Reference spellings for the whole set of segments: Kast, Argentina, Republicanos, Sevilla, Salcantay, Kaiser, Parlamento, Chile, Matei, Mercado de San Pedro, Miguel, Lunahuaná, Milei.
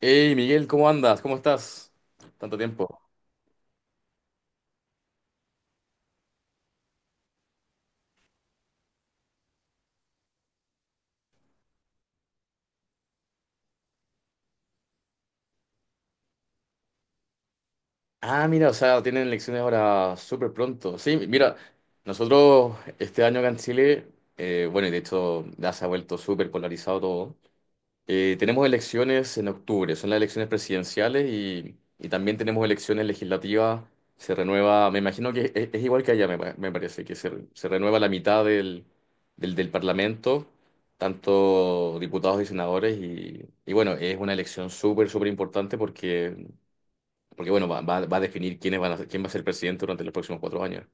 Hey Miguel, ¿cómo andas? ¿Cómo estás? Tanto tiempo. Ah, mira, o sea, tienen elecciones ahora súper pronto. Sí, mira, nosotros este año acá en Chile, bueno, y de hecho ya se ha vuelto súper polarizado todo. Tenemos elecciones en octubre, son las elecciones presidenciales y también tenemos elecciones legislativas. Se renueva, me imagino que es igual que allá, me parece, que se renueva la mitad del Parlamento, tanto diputados y senadores. Y bueno, es una elección súper, súper importante porque, porque bueno, va a definir quiénes van a, quién va a ser presidente durante los próximos cuatro años.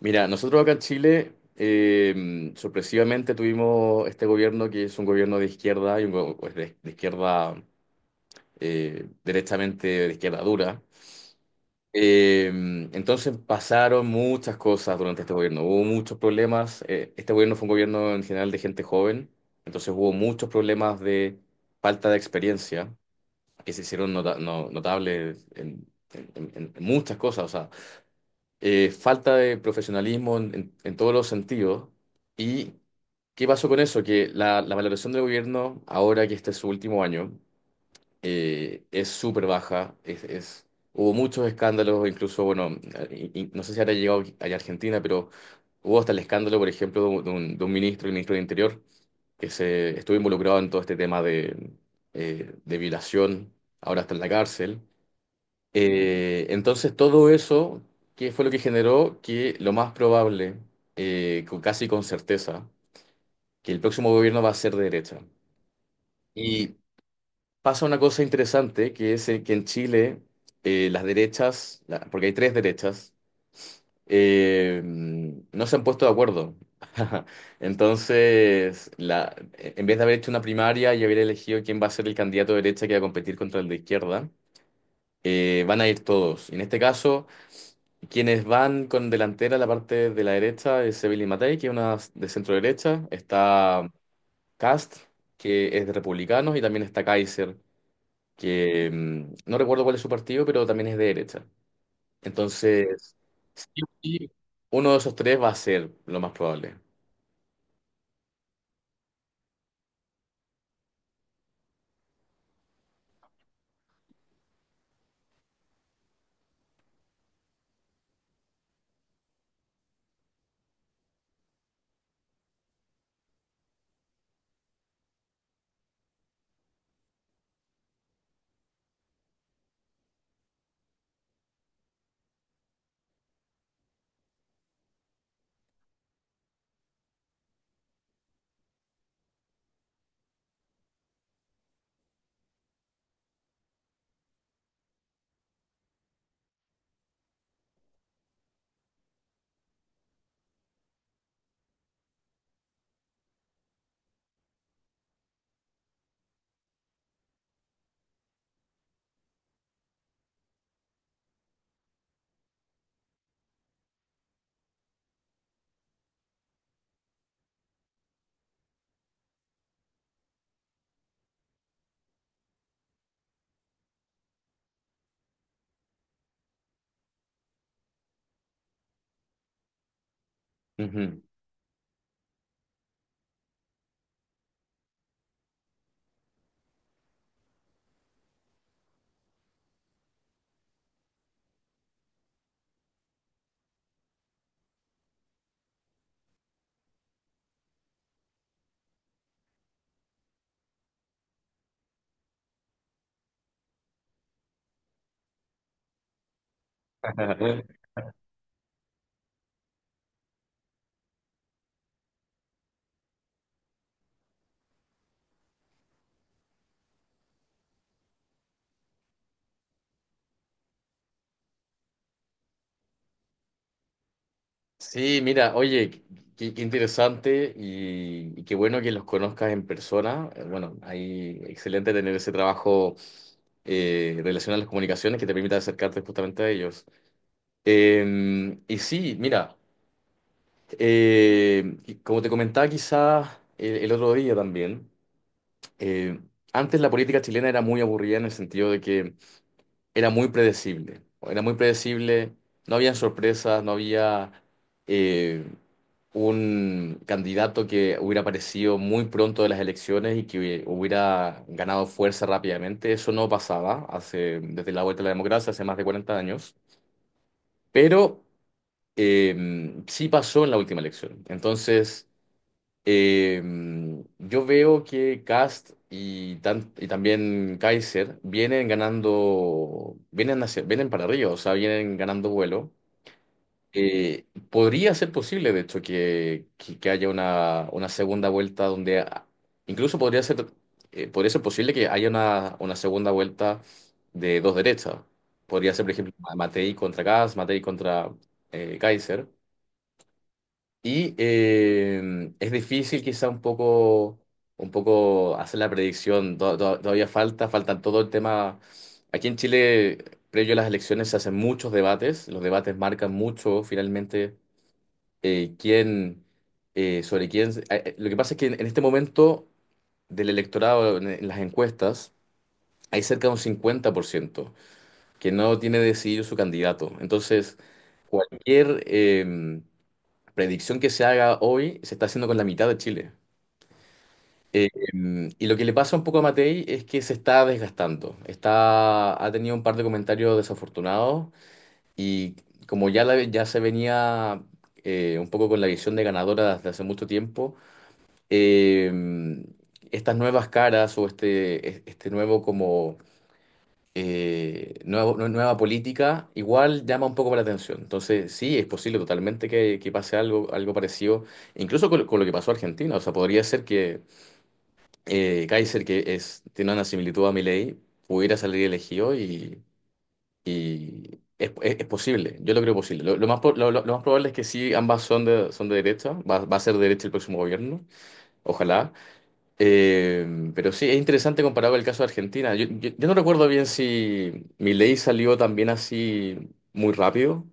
Mira, nosotros acá en Chile, sorpresivamente tuvimos este gobierno que es un gobierno de izquierda y un pues de izquierda, derechamente de izquierda dura. Eh, entonces pasaron muchas cosas durante este gobierno. Hubo muchos problemas. Este gobierno fue un gobierno en general de gente joven, entonces hubo muchos problemas de falta de experiencia que se hicieron notables en, en muchas cosas, falta de profesionalismo en, en todos los sentidos. ¿Y qué pasó con eso? Que la valoración del gobierno, ahora que este es su último año, es súper baja. Hubo muchos escándalos, incluso, bueno, y no sé si habrá llegado allá a Argentina, pero hubo hasta el escándalo, por ejemplo, de un, de un ministro, el ministro del Interior, que se estuvo involucrado en todo este tema de violación. Ahora está en la cárcel. Entonces todo eso, ¿qué fue lo que generó? Que lo más probable, casi con certeza, que el próximo gobierno va a ser de derecha. Y pasa una cosa interesante, que es que en Chile, las derechas, porque hay tres derechas, no se han puesto de acuerdo. Entonces, la, en vez de haber hecho una primaria y haber elegido quién va a ser el candidato de derecha que va a competir contra el de izquierda, van a ir todos. Y en este caso... Quienes van con delantera, la parte de la derecha es Sevilla y Matei, que es una de centro derecha. Está Cast, que es de Republicanos, y también está Kaiser, que mm, no recuerdo cuál es su partido, pero también es de derecha. Entonces, sí, o sí, uno de esos tres va a ser lo más probable. Ujú. Sí, mira, oye, qué, qué interesante y qué bueno que los conozcas en persona. Bueno, ahí excelente tener ese trabajo, relación a las comunicaciones que te permita acercarte justamente a ellos. Mira, y como te comentaba quizá el otro día también, eh, antes la política chilena era muy aburrida en el sentido de que era muy predecible, no había sorpresas, no había... eh, un candidato que hubiera aparecido muy pronto de las elecciones y que hubiera ganado fuerza rápidamente. Eso no pasaba hace, desde la vuelta a la democracia, hace más de 40 años, pero eh, sí pasó en la última elección. Entonces, eh, yo veo que Kast y también Kaiser vienen ganando, vienen, vienen para arriba, o sea, vienen ganando vuelo. Podría ser posible, de hecho, que haya una segunda vuelta donde incluso podría ser posible que haya una segunda vuelta de dos derechas. Podría ser, por ejemplo, Matei contra Kass, Matei contra, Kaiser. Y es difícil quizá un poco hacer la predicción. Todavía falta, faltan todo el tema. Aquí en Chile, previo a las elecciones, se hacen muchos debates. Los debates marcan mucho finalmente quién, sobre quién. Lo que pasa es que en este momento del electorado, en las encuestas, hay cerca de un 50% que no tiene decidido su candidato. Entonces, cualquier predicción que se haga hoy se está haciendo con la mitad de Chile. Y lo que le pasa un poco a Matei es que se está desgastando. Está, ha tenido un par de comentarios desafortunados y como ya, ya se venía un poco con la visión de ganadora desde hace mucho tiempo, em, estas nuevas caras o este, este nuevo como, nueva política igual llama un poco la atención. Entonces, sí, es posible totalmente que pase algo, algo parecido, incluso con lo que pasó a Argentina. O sea, podría ser que Kaiser, que es, tiene una similitud a Milei, pudiera salir elegido y, es posible. Yo lo creo posible. Lo más, po- lo- Lo más probable es que sí, ambas son de derecha. Va a ser de derecha el próximo gobierno. Ojalá. Pero sí, es interesante comparado el caso de Argentina. Yo no recuerdo bien si ley salió también así muy rápido.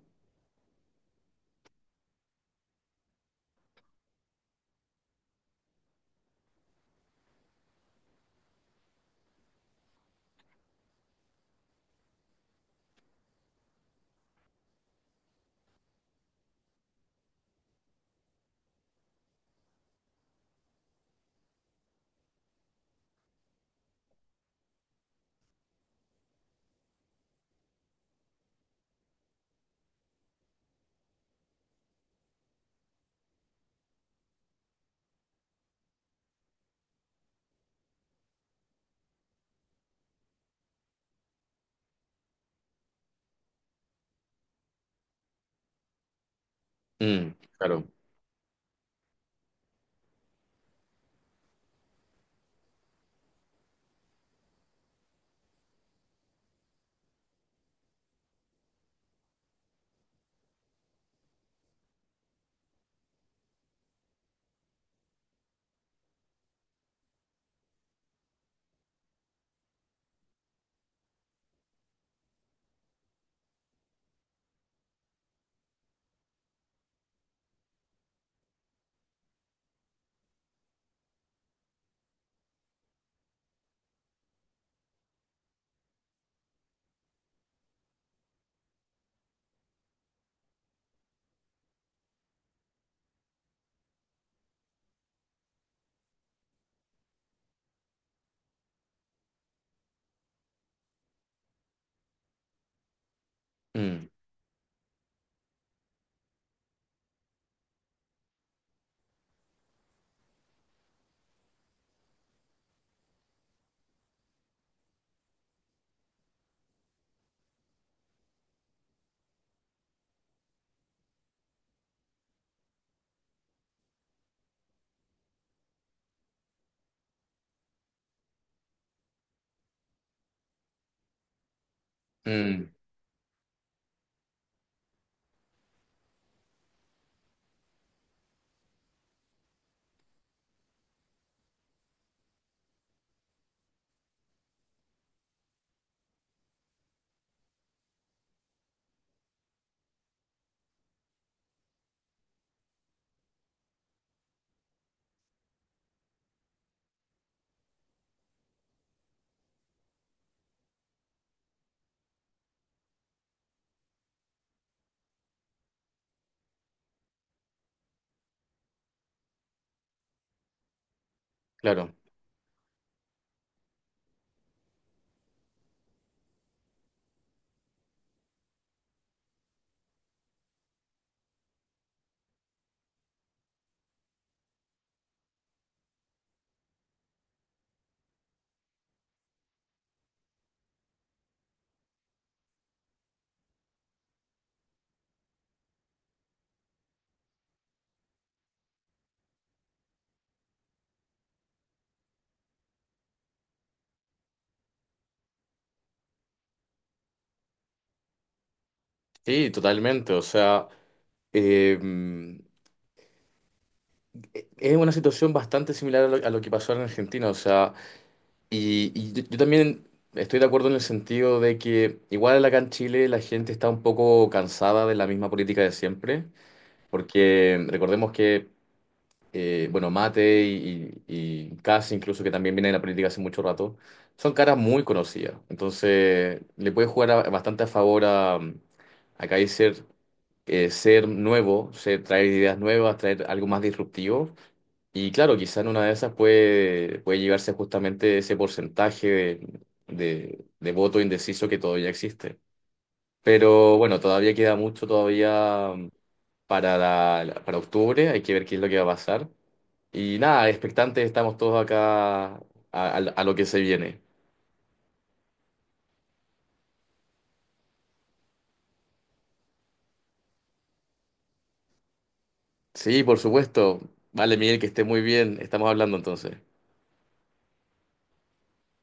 Mm, claro. Mm, mm, claro. Sí, totalmente. O sea, eh, es una situación bastante similar a lo que pasó en Argentina. O sea, yo también estoy de acuerdo en el sentido de que igual acá en Chile la gente está un poco cansada de la misma política de siempre. Porque recordemos que bueno, Mate y Cass, incluso que también viene en la política hace mucho rato, son caras muy conocidas. Entonces, le puede jugar bastante a favor a Kaiser, ser nuevo, ser, traer ideas nuevas, traer algo más disruptivo. Y claro, quizá en una de esas puede, puede llevarse justamente ese porcentaje de voto indeciso que todavía existe. Pero bueno, todavía queda mucho todavía para, para octubre, hay que ver qué es lo que va a pasar. Y nada, expectantes estamos todos acá a, a lo que se viene. Sí, por supuesto. Vale, Miguel, que esté muy bien. Estamos hablando entonces.